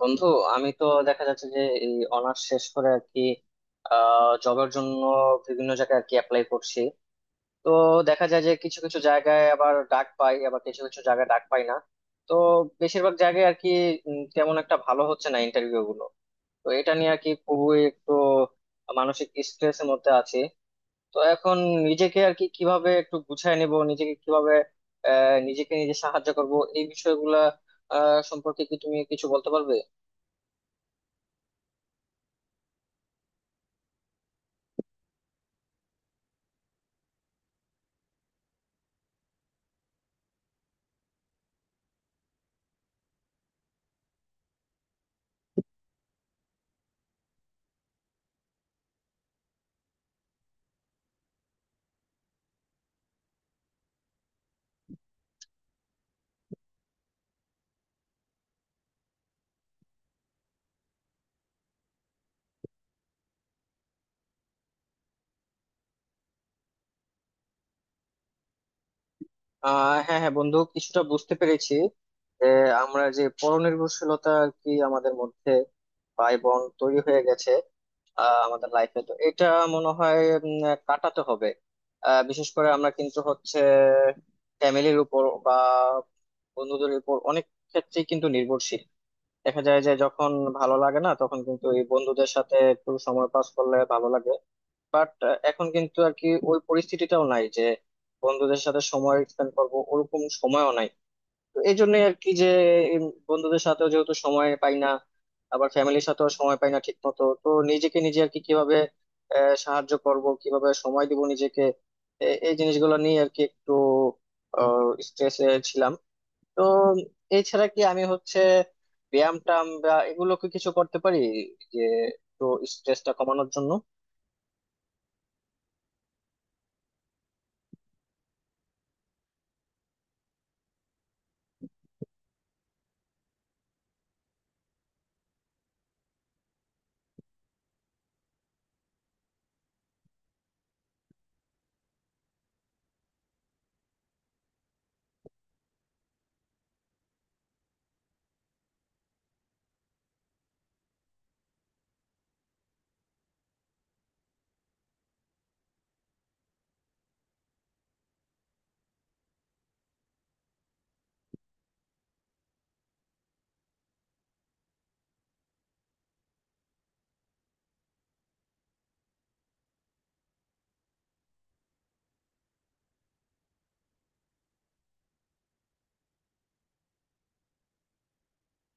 বন্ধু, আমি তো দেখা যাচ্ছে যে এই অনার্স শেষ করে আর কি জবের জন্য বিভিন্ন জায়গায় আর কি অ্যাপ্লাই করছি। তো দেখা যায় যে কিছু কিছু জায়গায় আবার ডাক পাই, আবার কিছু কিছু জায়গায় ডাক পাই না। তো বেশিরভাগ জায়গায় আর কি তেমন একটা ভালো হচ্ছে না ইন্টারভিউ গুলো। তো এটা নিয়ে আর কি খুবই একটু মানসিক স্ট্রেসের মধ্যে আছি। তো এখন নিজেকে আর কি কিভাবে একটু গুছায় নিব, নিজেকে কিভাবে নিজেকে নিজে সাহায্য করব, এই বিষয়গুলা সম্পর্কে কি তুমি কিছু বলতে পারবে? হ্যাঁ হ্যাঁ বন্ধু, কিছুটা বুঝতে পেরেছি। যে আমরা যে পরনির্ভরশীলতা আর কি আমাদের মধ্যে ভাই বোন তৈরি হয়ে গেছে, আমাদের লাইফে তো এটা মনে হয় উম, কাটাতে হবে। বিশেষ করে আমরা কিন্তু হচ্ছে ফ্যামিলির উপর বা বন্ধুদের উপর অনেক ক্ষেত্রেই কিন্তু নির্ভরশীল। দেখা যায় যে যখন ভালো লাগে না, তখন কিন্তু এই বন্ধুদের সাথে একটু সময় পাস করলে ভালো লাগে। বাট এখন কিন্তু আর কি ওই পরিস্থিতিটাও নাই যে বন্ধুদের সাথে সময় স্পেন্ড করবো, ওরকম সময়ও নাই। তো এই জন্যই আর কি যে বন্ধুদের সাথেও যেহেতু সময় পাই না, আবার ফ্যামিলির সাথেও সময় পাই না ঠিক মতো, তো নিজেকে নিজে আর কি কিভাবে সাহায্য করব, কিভাবে সময় দিব নিজেকে, এই জিনিসগুলো নিয়ে আর কি একটু স্ট্রেসে ছিলাম। তো এছাড়া কি আমি হচ্ছে ব্যায়াম টাম বা এগুলো কি কিছু করতে পারি যে একটু স্ট্রেসটা কমানোর জন্য?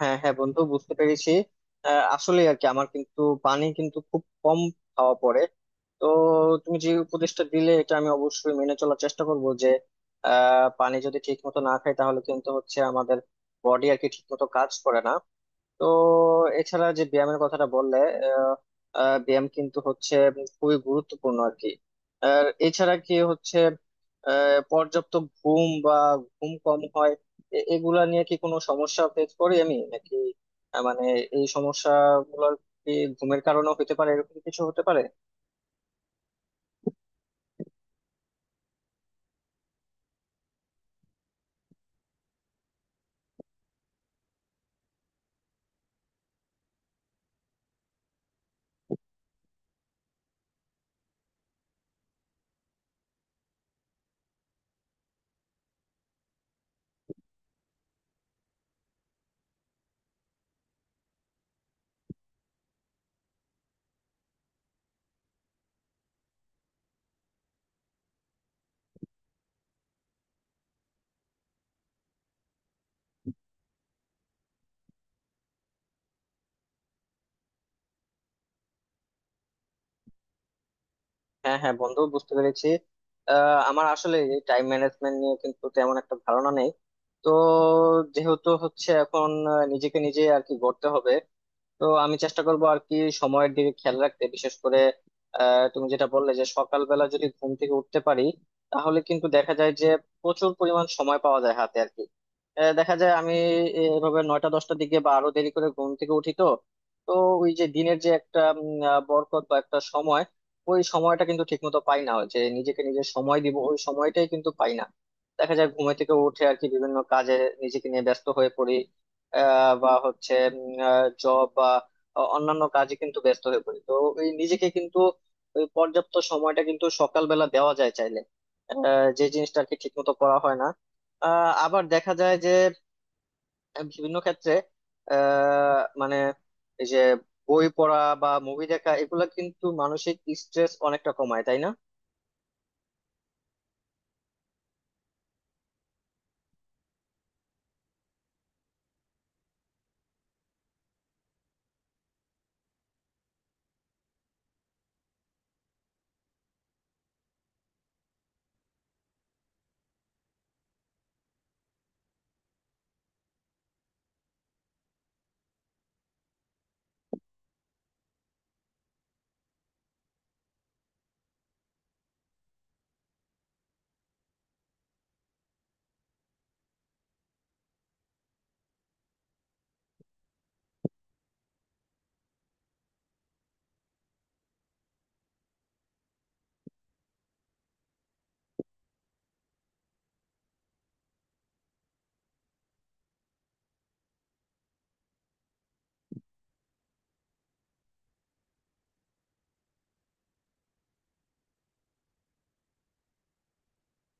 হ্যাঁ হ্যাঁ বন্ধু বুঝতে পেরেছি। আসলে আর কি আমার কিন্তু পানি কিন্তু খুব কম খাওয়া পড়ে। তো তুমি যে উপদেশটা দিলে এটা আমি অবশ্যই মেনে চলার চেষ্টা করব। যে পানি যদি ঠিক মতো না খাই তাহলে কিন্তু হচ্ছে আমাদের বডি আর কি ঠিক মতো কাজ করে না। তো এছাড়া যে ব্যায়ামের কথাটা বললে, আহ, আহ, ব্যায়াম কিন্তু হচ্ছে খুবই গুরুত্বপূর্ণ আর কি। আর এছাড়া কি হচ্ছে পর্যাপ্ত ঘুম বা ঘুম কম হয়, এগুলা নিয়ে কি কোনো সমস্যা ফেস করি আমি নাকি? মানে এই সমস্যাগুলোর কি ঘুমের কারণেও হতে পারে, এরকম কিছু হতে পারে? হ্যাঁ হ্যাঁ বন্ধু বুঝতে পেরেছি। আমার আসলে এই টাইম ম্যানেজমেন্ট নিয়ে কিন্তু তেমন একটা ধারণা নেই। তো যেহেতু হচ্ছে এখন নিজেকে নিজে আর কি গড়তে হবে, তো আমি চেষ্টা করবো আর কি সময়ের দিকে খেয়াল রাখতে। বিশেষ করে তুমি যেটা বললে যে সকালবেলা যদি ঘুম থেকে উঠতে পারি, তাহলে কিন্তু দেখা যায় যে প্রচুর পরিমাণ সময় পাওয়া যায় হাতে আর কি। দেখা যায় আমি এভাবে নয়টা দশটার দিকে বা আরো দেরি করে ঘুম থেকে উঠি। তো তো ওই যে দিনের যে একটা বরকত বা একটা সময়, ওই সময়টা কিন্তু ঠিকমতো পাই না, ওই যে নিজেকে নিজে সময় দিব ওই সময়টাই কিন্তু পাই না। দেখা যায় ঘুমে থেকে উঠে আর কি বিভিন্ন কাজে নিজেকে নিয়ে ব্যস্ত হয়ে পড়ি। বা হচ্ছে জব বা অন্যান্য কাজে কিন্তু ব্যস্ত হয়ে পড়ি। তো ওই নিজেকে কিন্তু ওই পর্যাপ্ত সময়টা কিন্তু সকালবেলা দেওয়া যায় চাইলে, যে জিনিসটা আর কি ঠিক মতো করা হয় না। আবার দেখা যায় যে বিভিন্ন ক্ষেত্রে মানে এই যে বই পড়া বা মুভি দেখা, এগুলা কিন্তু মানসিক স্ট্রেস অনেকটা কমায়, তাই না?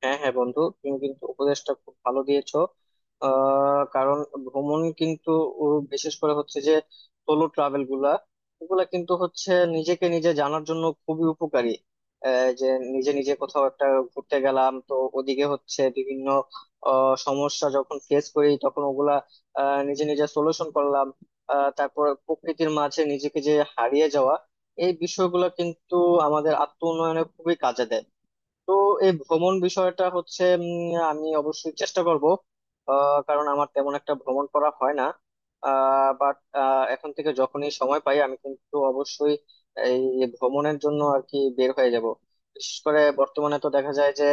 হ্যাঁ হ্যাঁ বন্ধু, তুমি কিন্তু উপদেশটা খুব ভালো দিয়েছো। কারণ ভ্রমণ কিন্তু ও বিশেষ করে হচ্ছে যে সোলো ট্রাভেল গুলা, এগুলা কিন্তু হচ্ছে নিজেকে নিজে জানার জন্য খুবই উপকারী। যে নিজে নিজে কোথাও একটা ঘুরতে গেলাম, তো ওদিকে হচ্ছে বিভিন্ন সমস্যা যখন ফেস করি, তখন ওগুলা নিজে নিজে সলিউশন করলাম। তারপর প্রকৃতির মাঝে নিজেকে যে হারিয়ে যাওয়া, এই বিষয়গুলো কিন্তু আমাদের আত্ম উন্নয়নে খুবই কাজে দেয়। তো এই ভ্রমণ বিষয়টা হচ্ছে আমি অবশ্যই চেষ্টা করব। কারণ আমার তেমন একটা ভ্রমণ করা হয় না। বাট এখন থেকে যখনই সময় পাই, আমি কিন্তু অবশ্যই এই ভ্রমণের জন্য আর কি বের হয়ে যাব। বিশেষ করে বর্তমানে তো দেখা যায় যে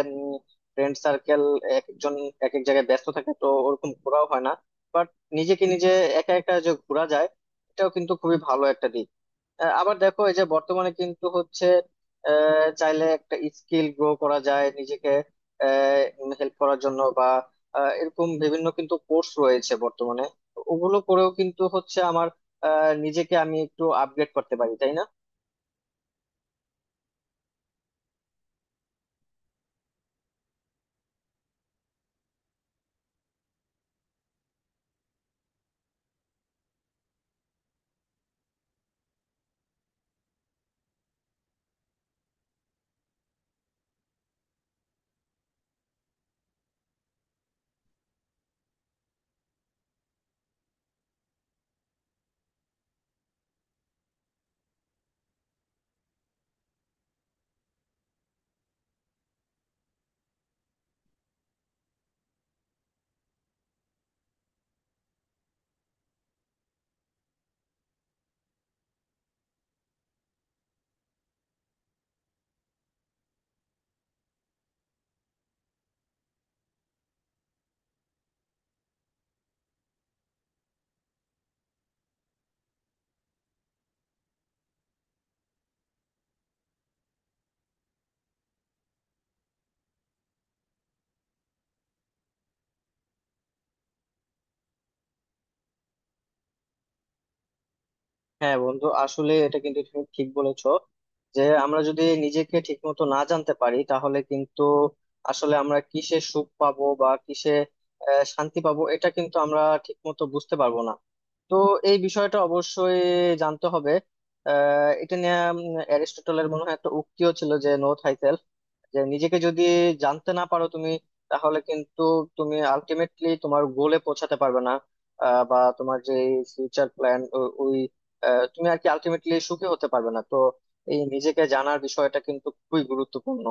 ফ্রেন্ড সার্কেল এক একজন এক এক জায়গায় ব্যস্ত থাকে, তো ওরকম ঘোরাও হয় না। বাট নিজেকে নিজে একা একা যে ঘোরা যায়, এটাও কিন্তু খুবই ভালো একটা দিক। আবার দেখো, এই যে বর্তমানে কিন্তু হচ্ছে চাইলে একটা স্কিল গ্রো করা যায় নিজেকে হেল্প করার জন্য, বা এরকম বিভিন্ন কিন্তু কোর্স রয়েছে বর্তমানে। ওগুলো করেও কিন্তু হচ্ছে আমার নিজেকে আমি একটু আপগ্রেড করতে পারি, তাই না? হ্যাঁ বন্ধু, আসলে এটা কিন্তু তুমি ঠিক বলেছো। যে আমরা যদি নিজেকে ঠিক মতো না জানতে পারি, তাহলে কিন্তু আসলে আমরা কিসে সুখ পাবো বা কিসে শান্তি পাবো, এটা কিন্তু আমরা ঠিক মতো বুঝতে পারবো না। তো এই বিষয়টা অবশ্যই জানতে হবে। এটা নিয়ে অ্যারিস্টটলের মনে হয় একটা উক্তিও ছিল, যে নো থাইসেল্ফ। যে নিজেকে যদি জানতে না পারো তুমি, তাহলে কিন্তু তুমি আলটিমেটলি তোমার গোলে পৌঁছাতে পারবে না। বা তোমার যে ফিউচার প্ল্যান, ওই তুমি আর কি আলটিমেটলি সুখী হতে পারবে না। তো এই নিজেকে জানার বিষয়টা কিন্তু খুবই গুরুত্বপূর্ণ।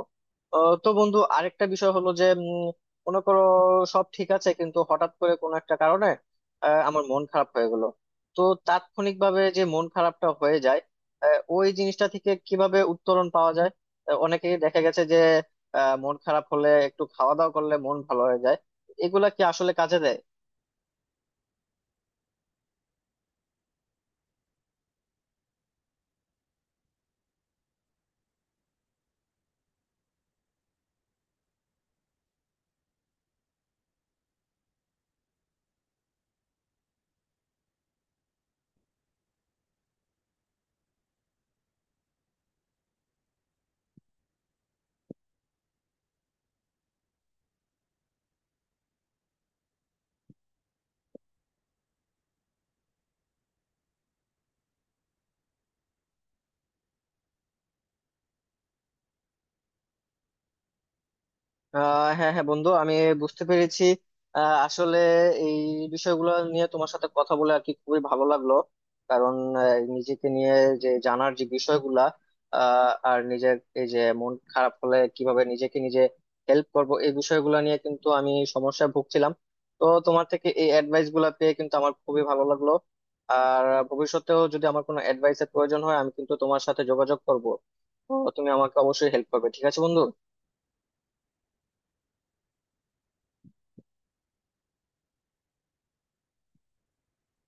তো বন্ধু, আরেকটা বিষয় হলো যে মনে করো সব ঠিক আছে, কিন্তু হঠাৎ করে কোনো একটা কারণে আমার মন খারাপ হয়ে গেল। তো তাৎক্ষণিকভাবে যে মন খারাপটা হয়ে যায়, ওই জিনিসটা থেকে কিভাবে উত্তরণ পাওয়া যায়? অনেকেই দেখা গেছে যে মন খারাপ হলে একটু খাওয়া দাওয়া করলে মন ভালো হয়ে যায়। এগুলা কি আসলে কাজে দেয়? হ্যাঁ হ্যাঁ বন্ধু, আমি বুঝতে পেরেছি। আসলে এই বিষয়গুলো নিয়ে তোমার সাথে কথা বলে আর কি খুবই ভালো লাগলো। কারণ আহ, নিজেকে নিয়ে যে জানার যে বিষয়গুলা, আর নিজের এই যে মন খারাপ হলে কিভাবে নিজেকে নিজে হেল্প করব, এই বিষয়গুলো নিয়ে কিন্তু আমি সমস্যায় ভুগছিলাম। তো তোমার থেকে এই অ্যাডভাইস গুলা পেয়ে কিন্তু আমার খুবই ভালো লাগলো। আর ভবিষ্যতেও যদি আমার কোনো অ্যাডভাইসের প্রয়োজন হয়, আমি কিন্তু তোমার সাথে যোগাযোগ করবো। তো তুমি আমাকে অবশ্যই হেল্প করবে, ঠিক আছে বন্ধু?